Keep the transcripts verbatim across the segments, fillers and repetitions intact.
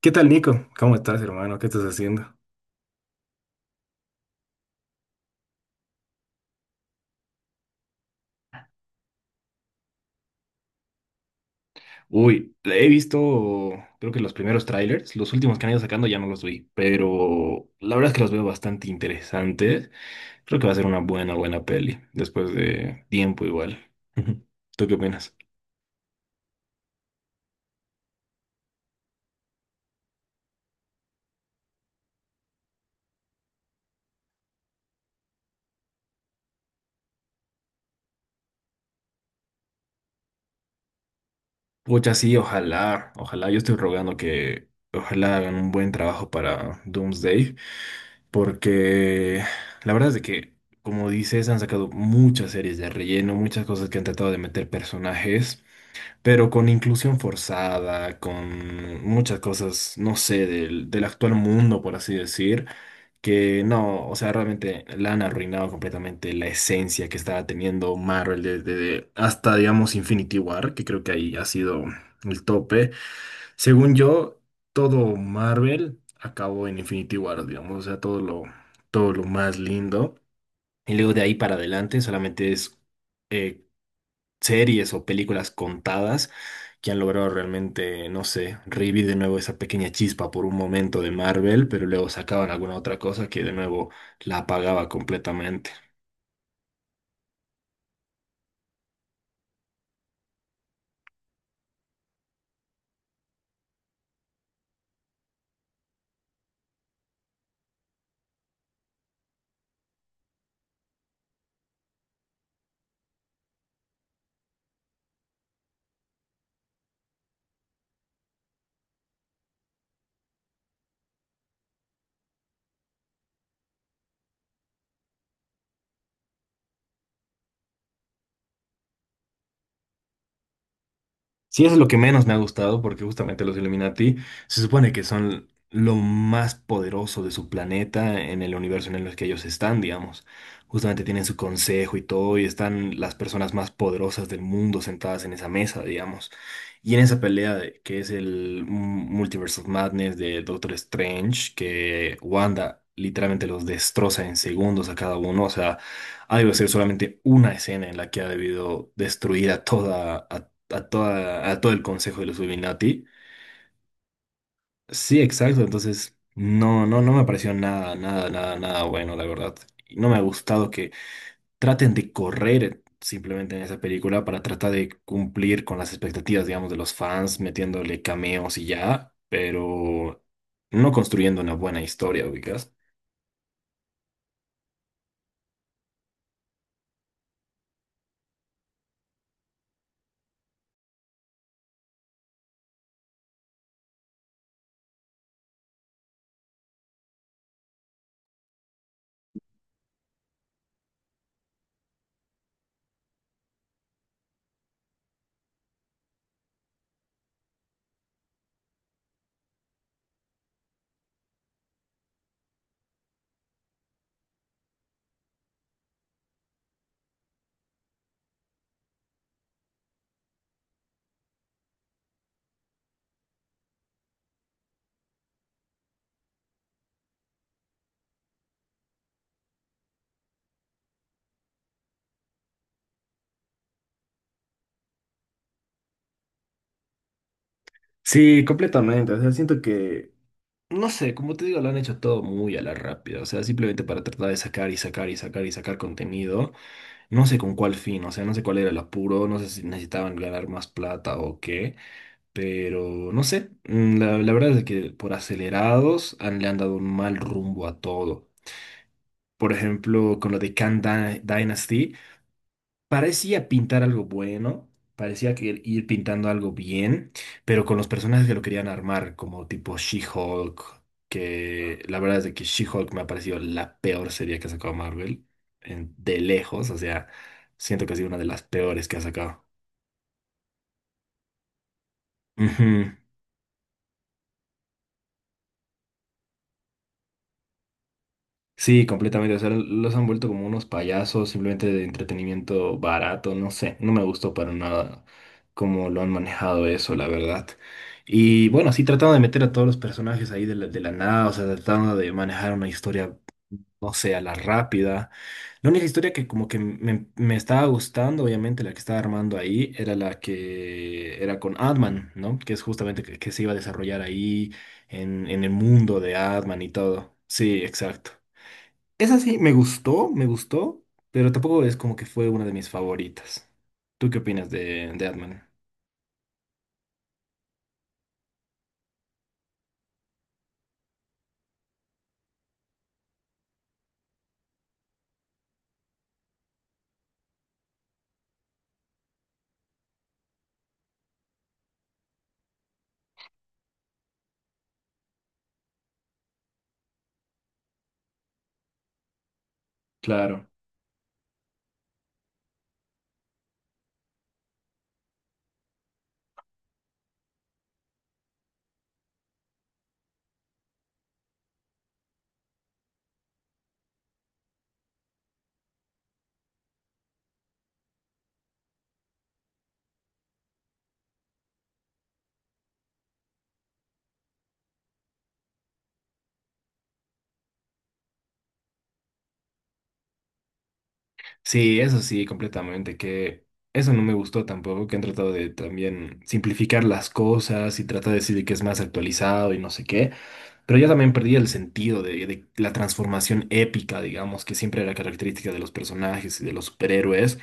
¿Qué tal, Nico? ¿Cómo estás, hermano? ¿Qué estás haciendo? Uy, he visto, creo que los primeros trailers, los últimos que han ido sacando ya no los vi, pero la verdad es que los veo bastante interesantes. Creo que va a ser una buena, buena peli, después de tiempo igual. ¿Tú qué opinas? Pucha, sí, ojalá, ojalá, yo estoy rogando que ojalá hagan un buen trabajo para Doomsday, porque la verdad es de que, como dices, han sacado muchas series de relleno, muchas cosas que han tratado de meter personajes, pero con inclusión forzada, con muchas cosas, no sé, del, del actual mundo, por así decir, que no, o sea, realmente la han arruinado completamente la esencia que estaba teniendo Marvel desde hasta, digamos, Infinity War, que creo que ahí ha sido el tope. Según yo, todo Marvel acabó en Infinity War, digamos, o sea, todo lo, todo lo más lindo. Y luego de ahí para adelante solamente es eh, series o películas contadas que han logrado realmente, no sé, revivir de nuevo esa pequeña chispa por un momento de Marvel, pero luego sacaban alguna otra cosa que de nuevo la apagaba completamente. Sí, eso es lo que menos me ha gustado, porque justamente los Illuminati se supone que son lo más poderoso de su planeta en el universo en el que ellos están, digamos. Justamente tienen su consejo y todo, y están las personas más poderosas del mundo sentadas en esa mesa, digamos. Y en esa pelea de- que es el M- Multiverse of Madness de Doctor Strange, que Wanda literalmente los destroza en segundos a cada uno, o sea, ha debido ser solamente una escena en la que ha debido destruir a toda, a, toda, a todo el consejo de los Illuminati. Sí, exacto, entonces no, no, no me pareció nada, nada, nada, nada bueno, la verdad. Y no me ha gustado que traten de correr simplemente en esa película para tratar de cumplir con las expectativas, digamos, de los fans, metiéndole cameos y ya, pero no construyendo una buena historia, ubicas. Sí, completamente. O sea, siento que no sé, como te digo, lo han hecho todo muy a la rápida, o sea, simplemente para tratar de sacar y sacar y sacar y sacar contenido. No sé con cuál fin, o sea, no sé cuál era el apuro, no sé si necesitaban ganar más plata o qué, pero no sé, mm, la, la verdad es que por acelerados han, le han dado un mal rumbo a todo. Por ejemplo, con lo de Khan Dy- Dynasty. Parecía pintar algo bueno, parecía que ir ir pintando algo bien, pero con los personajes que lo querían armar, como tipo She-Hulk, que la verdad es de que She-Hulk me ha parecido la peor serie que ha sacado Marvel, en- de lejos, o sea, siento que ha sido una de las peores que ha sacado. Ujú. Sí, completamente. O sea, los han vuelto como unos payasos, simplemente de entretenimiento barato, no sé. No me gustó para nada cómo lo han manejado eso, la verdad. Y bueno, sí, tratando de meter a todos los personajes ahí de la, de la nada, o sea, tratando de manejar una historia, no sé, a la rápida. La única historia que como que me, me estaba gustando, obviamente, la que estaba armando ahí, era la que era con Adman, ¿no? Que es justamente que, que se iba a desarrollar ahí en, en el mundo de Adman y todo. Sí, exacto. Esa sí, me gustó, me gustó, pero tampoco es como que fue una de mis favoritas. ¿Tú qué opinas de, de Ant-Man? Claro. Sí, eso sí, completamente, que eso no me gustó tampoco, que han tratado de también simplificar las cosas y tratar de decir que es más actualizado y no sé qué, pero yo también perdí el sentido de, de la transformación épica, digamos, que siempre era característica de los personajes y de los superhéroes,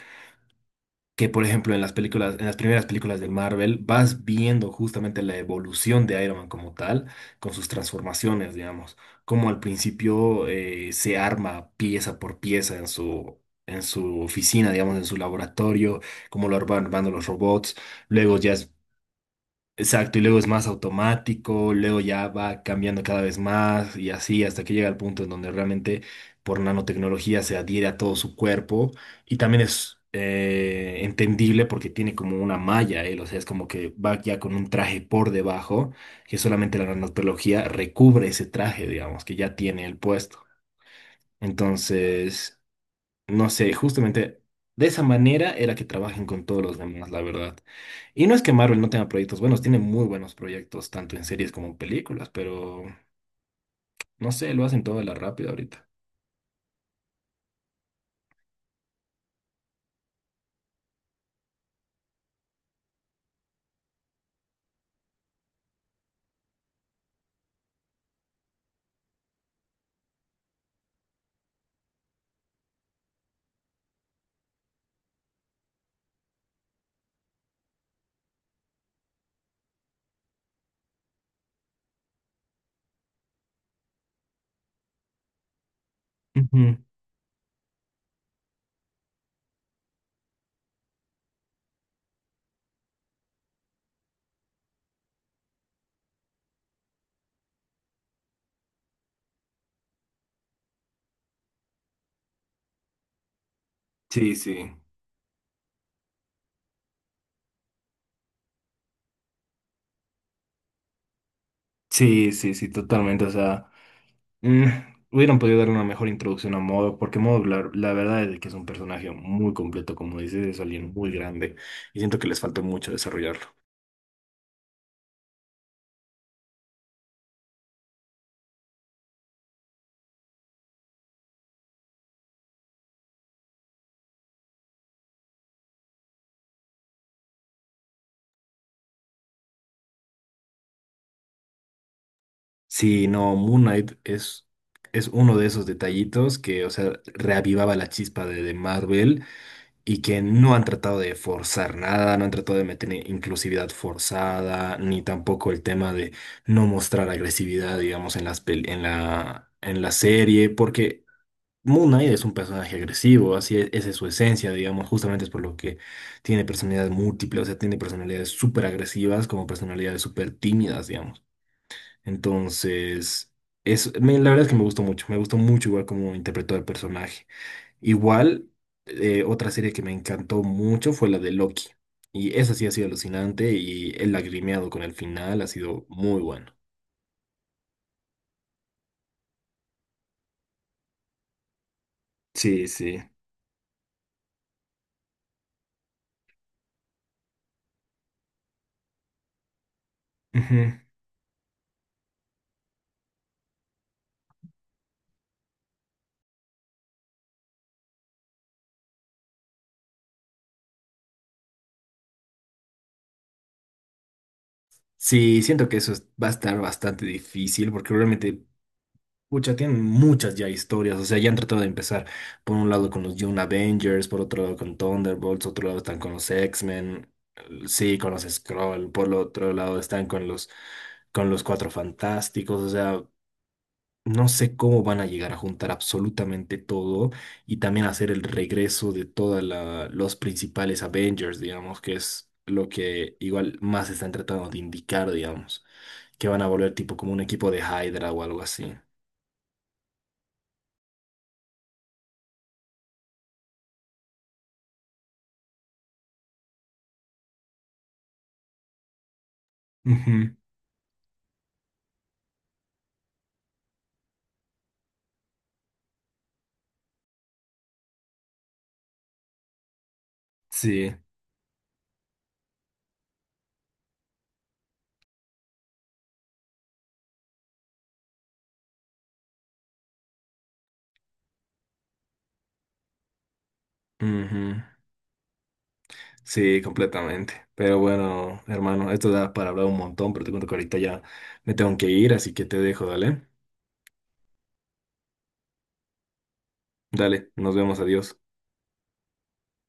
que por ejemplo en las películas, en las primeras películas de Marvel, vas viendo justamente la evolución de Iron Man como tal, con sus transformaciones, digamos, como al principio eh, se arma pieza por pieza en su, en su oficina, digamos, en su laboratorio, cómo lo van armando los robots, luego ya es exacto, y luego es más automático, luego ya va cambiando cada vez más y así hasta que llega al punto en donde realmente por nanotecnología se adhiere a todo su cuerpo y también es eh, entendible porque tiene como una malla, él, o sea, es como que va ya con un traje por debajo que solamente la nanotecnología recubre ese traje, digamos, que ya tiene el puesto. Entonces, no sé, justamente de esa manera era que trabajen con todos los demás, la verdad. Y no es que Marvel no tenga proyectos buenos, tiene muy buenos proyectos, tanto en series como en películas, pero no sé, lo hacen todo a la rápida ahorita. Ujú. Sí, sí, sí, sí, sí, totalmente. O sea, mm, hubieran podido dar una mejor introducción a Modo, porque Modo, la, la verdad es que es un personaje muy completo, como dices, es alguien muy grande, y siento que les faltó mucho desarrollarlo. Sí, no, Moon Knight es, es uno de esos detallitos que, o sea, reavivaba la chispa de, de Marvel y que no han tratado de forzar nada, no han tratado de meter inclusividad forzada, ni tampoco el tema de no mostrar agresividad, digamos, en las pel- en la, en la serie, porque Moon Knight es un personaje agresivo, así es, esa es su esencia, digamos, justamente es por lo que tiene personalidades múltiples, o sea, tiene personalidades súper agresivas como personalidades súper tímidas, digamos. Entonces, es, me- la verdad es que me gustó mucho, me gustó mucho igual cómo interpretó el personaje. Igual, eh, otra serie que me encantó mucho fue la de Loki. Y esa sí ha sido alucinante y el lagrimeado con el final ha sido muy bueno. Sí, sí. Ujú. Sí, siento que eso es- va a estar bastante difícil porque realmente pucha, tienen muchas ya historias, o sea, ya han tratado de empezar por un lado con los Young Avengers, por otro lado con Thunderbolts, otro lado están con los X-Men, sí, con los Skrull, por el otro lado están con los, con los Cuatro Fantásticos, o sea, no sé cómo van a llegar a juntar absolutamente todo y también hacer el regreso de todos los principales Avengers, digamos, que es lo que igual más están tratando de indicar, digamos, que van a volver tipo como un equipo de Hydra o algo así. Ujú. Sí, ujú, sí, completamente. Pero bueno, hermano, esto da para hablar un montón, pero te cuento que ahorita ya me tengo que ir, así que te dejo, dale. Dale, nos vemos, adiós.